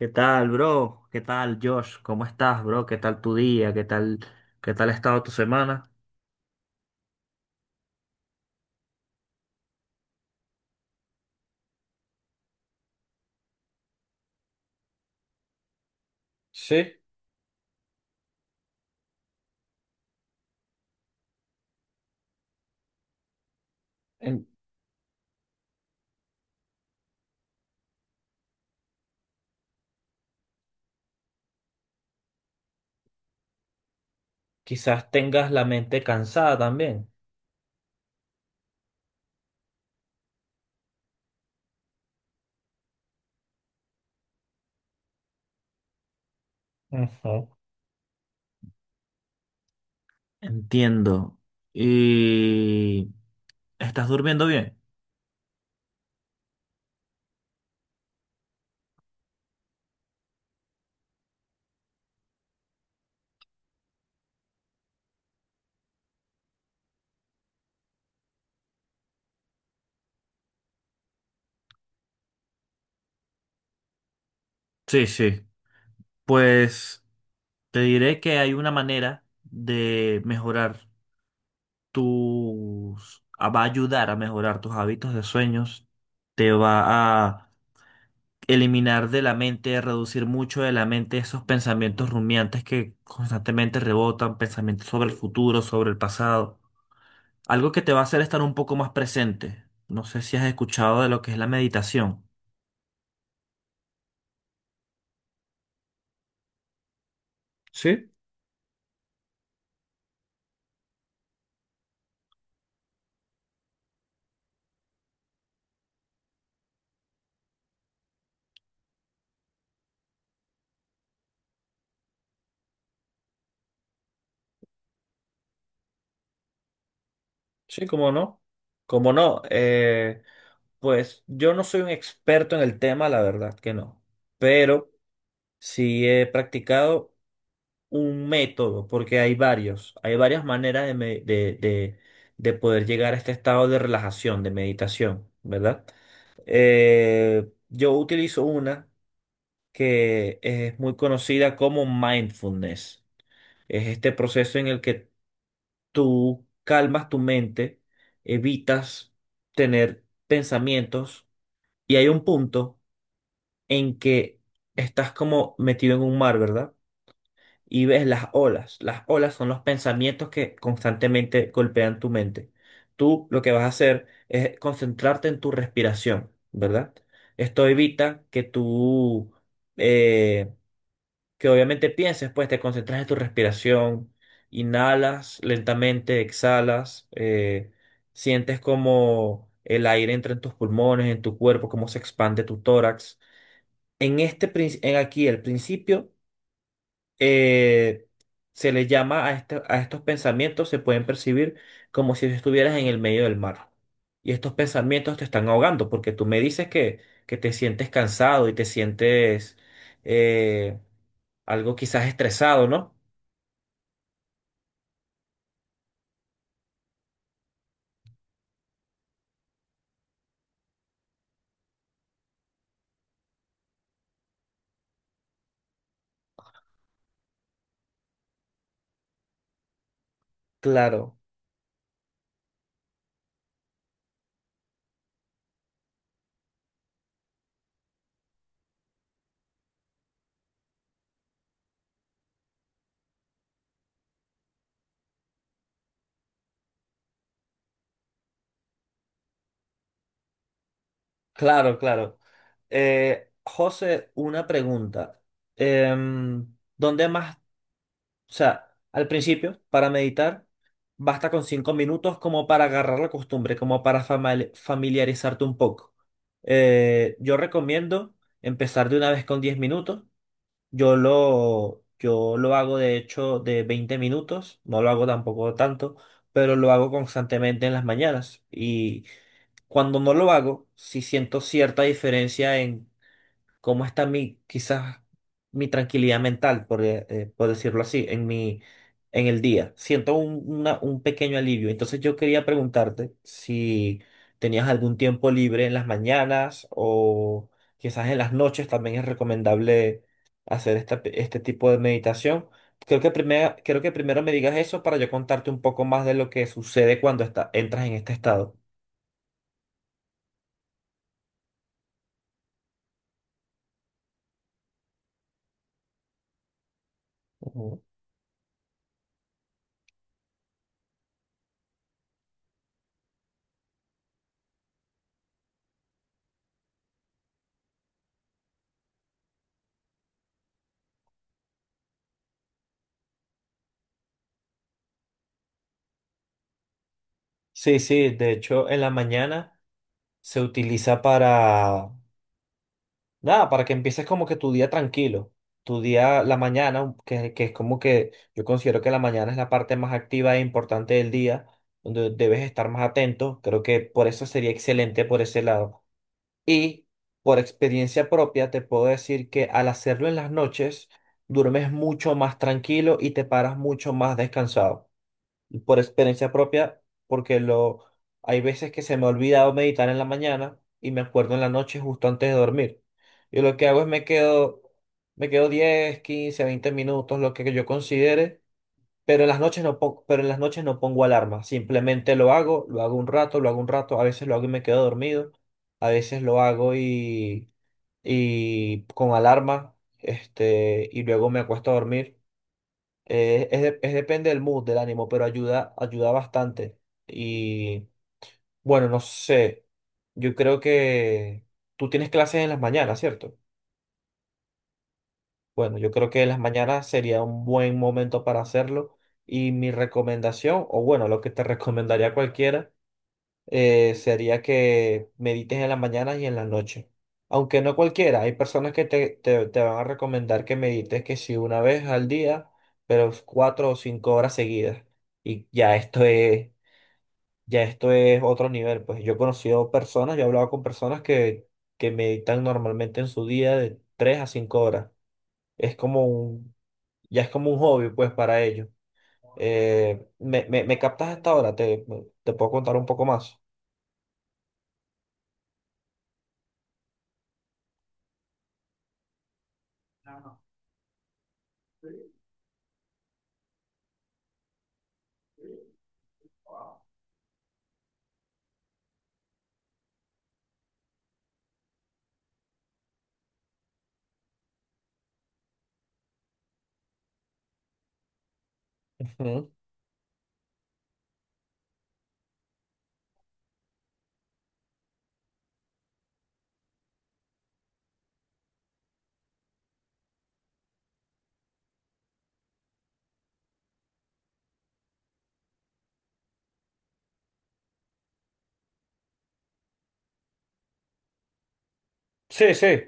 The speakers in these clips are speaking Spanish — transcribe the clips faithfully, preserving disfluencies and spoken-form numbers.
¿Qué tal, bro? ¿Qué tal, Josh? ¿Cómo estás, bro? ¿Qué tal tu día? ¿Qué tal, qué tal ha estado tu semana? En- Quizás tengas la mente cansada también. Ujú. Entiendo. ¿Y estás durmiendo bien? Sí, sí. Pues te diré que hay una manera de mejorar tus ah, va a ayudar a mejorar tus hábitos de sueños. Te va a eliminar de la mente, reducir mucho de la mente esos pensamientos rumiantes que constantemente rebotan, pensamientos sobre el futuro, sobre el pasado. Algo que te va a hacer estar un poco más presente. No sé si has escuchado de lo que es la meditación. Sí, sí, cómo no. Cómo no. Eh, pues yo no soy un experto en el tema, la verdad que no. Pero sí he practicado un método, porque hay varios, hay varias maneras de, me- de, de- de poder llegar a este estado de relajación, de meditación, ¿verdad? Eh, yo utilizo una que es muy conocida como mindfulness. Es este proceso en el que tú calmas tu mente, evitas tener pensamientos y hay un punto en que estás como metido en un mar, ¿verdad? Y ves las olas. Las olas son los pensamientos que constantemente golpean tu mente. Tú lo que vas a hacer es concentrarte en tu respiración, ¿verdad? Esto evita que tú, eh, que obviamente pienses, pues te concentras en tu respiración, inhalas lentamente, exhalas, eh, sientes como el aire entra en tus pulmones, en tu cuerpo, cómo se expande tu tórax. En este, prin- en aquí, el principio eh, se le llama a, este- a estos pensamientos, se pueden percibir como si estuvieras en el medio del mar. Y estos pensamientos te están ahogando, porque tú me dices que, que te sientes cansado y te sientes eh, algo quizás estresado, ¿no? Claro, claro, claro. Eh, José, una pregunta. Em, ¿dónde más? O sea, al principio, para meditar, basta con cinco minutos como para agarrar la costumbre, como para fama- familiarizarte un poco. Eh, yo recomiendo empezar de una vez con diez minutos. Yo lo, yo lo hago de hecho de veinte minutos, no lo hago tampoco tanto, pero lo hago constantemente en las mañanas. Y cuando no lo hago, sí siento cierta diferencia en cómo está mi, quizás mi tranquilidad mental, por, eh, eh, por decirlo así, en mi, en el día. Siento un, una- un pequeño alivio. Entonces yo quería preguntarte si tenías algún tiempo libre en las mañanas o quizás en las noches también es recomendable hacer esta- este tipo de meditación. Creo que, primero, creo que primero me digas eso para yo contarte un poco más de lo que sucede cuando está, entras en este estado. Ujú. Sí, sí, de hecho en la mañana se utiliza para nada, para que empieces como que tu día tranquilo, tu día, la mañana, que, que es como que yo considero que la mañana es la parte más activa e importante del día, donde debes estar más atento, creo que por eso sería excelente por ese lado. Y por experiencia propia te puedo decir que al hacerlo en las noches, duermes mucho más tranquilo y te paras mucho más descansado por experiencia propia, porque lo, hay veces que se me ha olvidado meditar en la mañana y me acuerdo en la noche justo antes de dormir. Y lo que hago es me quedo, me quedo diez quince veinte minutos, lo que yo considere, pero en las noches no pongo, pero en las noches no pongo alarma, simplemente lo hago, lo hago un rato, lo hago un rato, a veces lo hago y me quedo dormido, a veces lo hago y, y con alarma, este, y luego me acuesto a dormir. Eh, es, de- es depende del mood, del ánimo, pero ayuda, ayuda bastante. Y bueno, no sé. Yo creo que tú tienes clases en las mañanas, ¿cierto? Bueno, yo creo que en las mañanas sería un buen momento para hacerlo. Y mi recomendación, o bueno, lo que te recomendaría a cualquiera. Eh, sería que medites en las mañanas y en las noches. Aunque no cualquiera, hay personas que te, te- te van a recomendar que medites que si una vez al día, pero cuatro o cinco horas seguidas. Y ya esto es, ya esto es otro nivel. Pues yo he conocido personas, yo he hablado con personas que, que meditan normalmente en su día de tres a cinco horas. Es como un, ya es como un hobby, pues, para ellos. Eh, me, me, me captas hasta ahora, te, te puedo contar un poco más. Ujú. Sí, sí.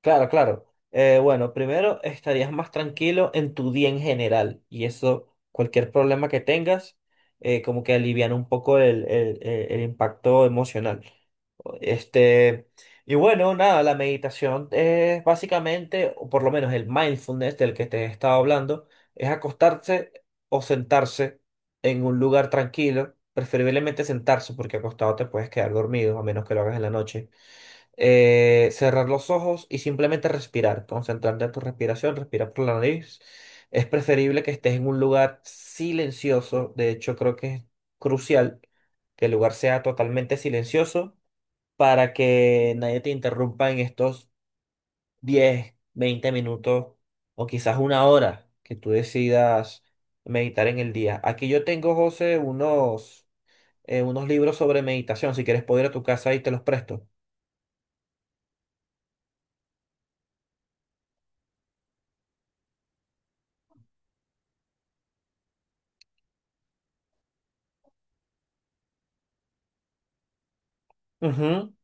Claro, claro. Eh, bueno, primero estarías más tranquilo en tu día en general y eso, cualquier problema que tengas, eh, como que alivian un poco el, el- el- el impacto emocional. Este, y bueno, nada, la meditación es básicamente, o por lo menos el mindfulness del que te he estado hablando, es acostarse o sentarse en un lugar tranquilo, preferiblemente sentarse porque acostado te puedes quedar dormido, a menos que lo hagas en la noche eh, Cerrar los ojos y simplemente respirar, concentrarte en tu respiración, respirar por la nariz. Es preferible que estés en un lugar silencioso, de hecho creo que es crucial que el lugar sea totalmente silencioso para que nadie te interrumpa en estos diez, veinte minutos o quizás una hora que tú decidas meditar en el día. Aquí yo tengo, José, unos, eh, unos libros sobre meditación, si quieres puedo ir a tu casa y te los presto. Ujú.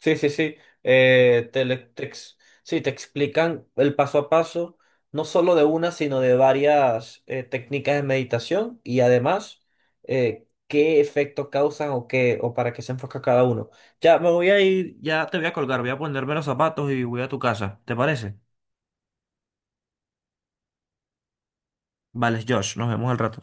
Sí, sí, sí. Eh, te, le- te ex- sí, te explican el paso a paso, no solo de una, sino de varias eh, técnicas de meditación y además eh, qué efecto causan o qué, o para qué se enfoca cada uno. Ya me voy a ir, ya te voy a colgar, voy a ponerme los zapatos y voy a tu casa. ¿Te parece? Vale, Josh, nos vemos al rato.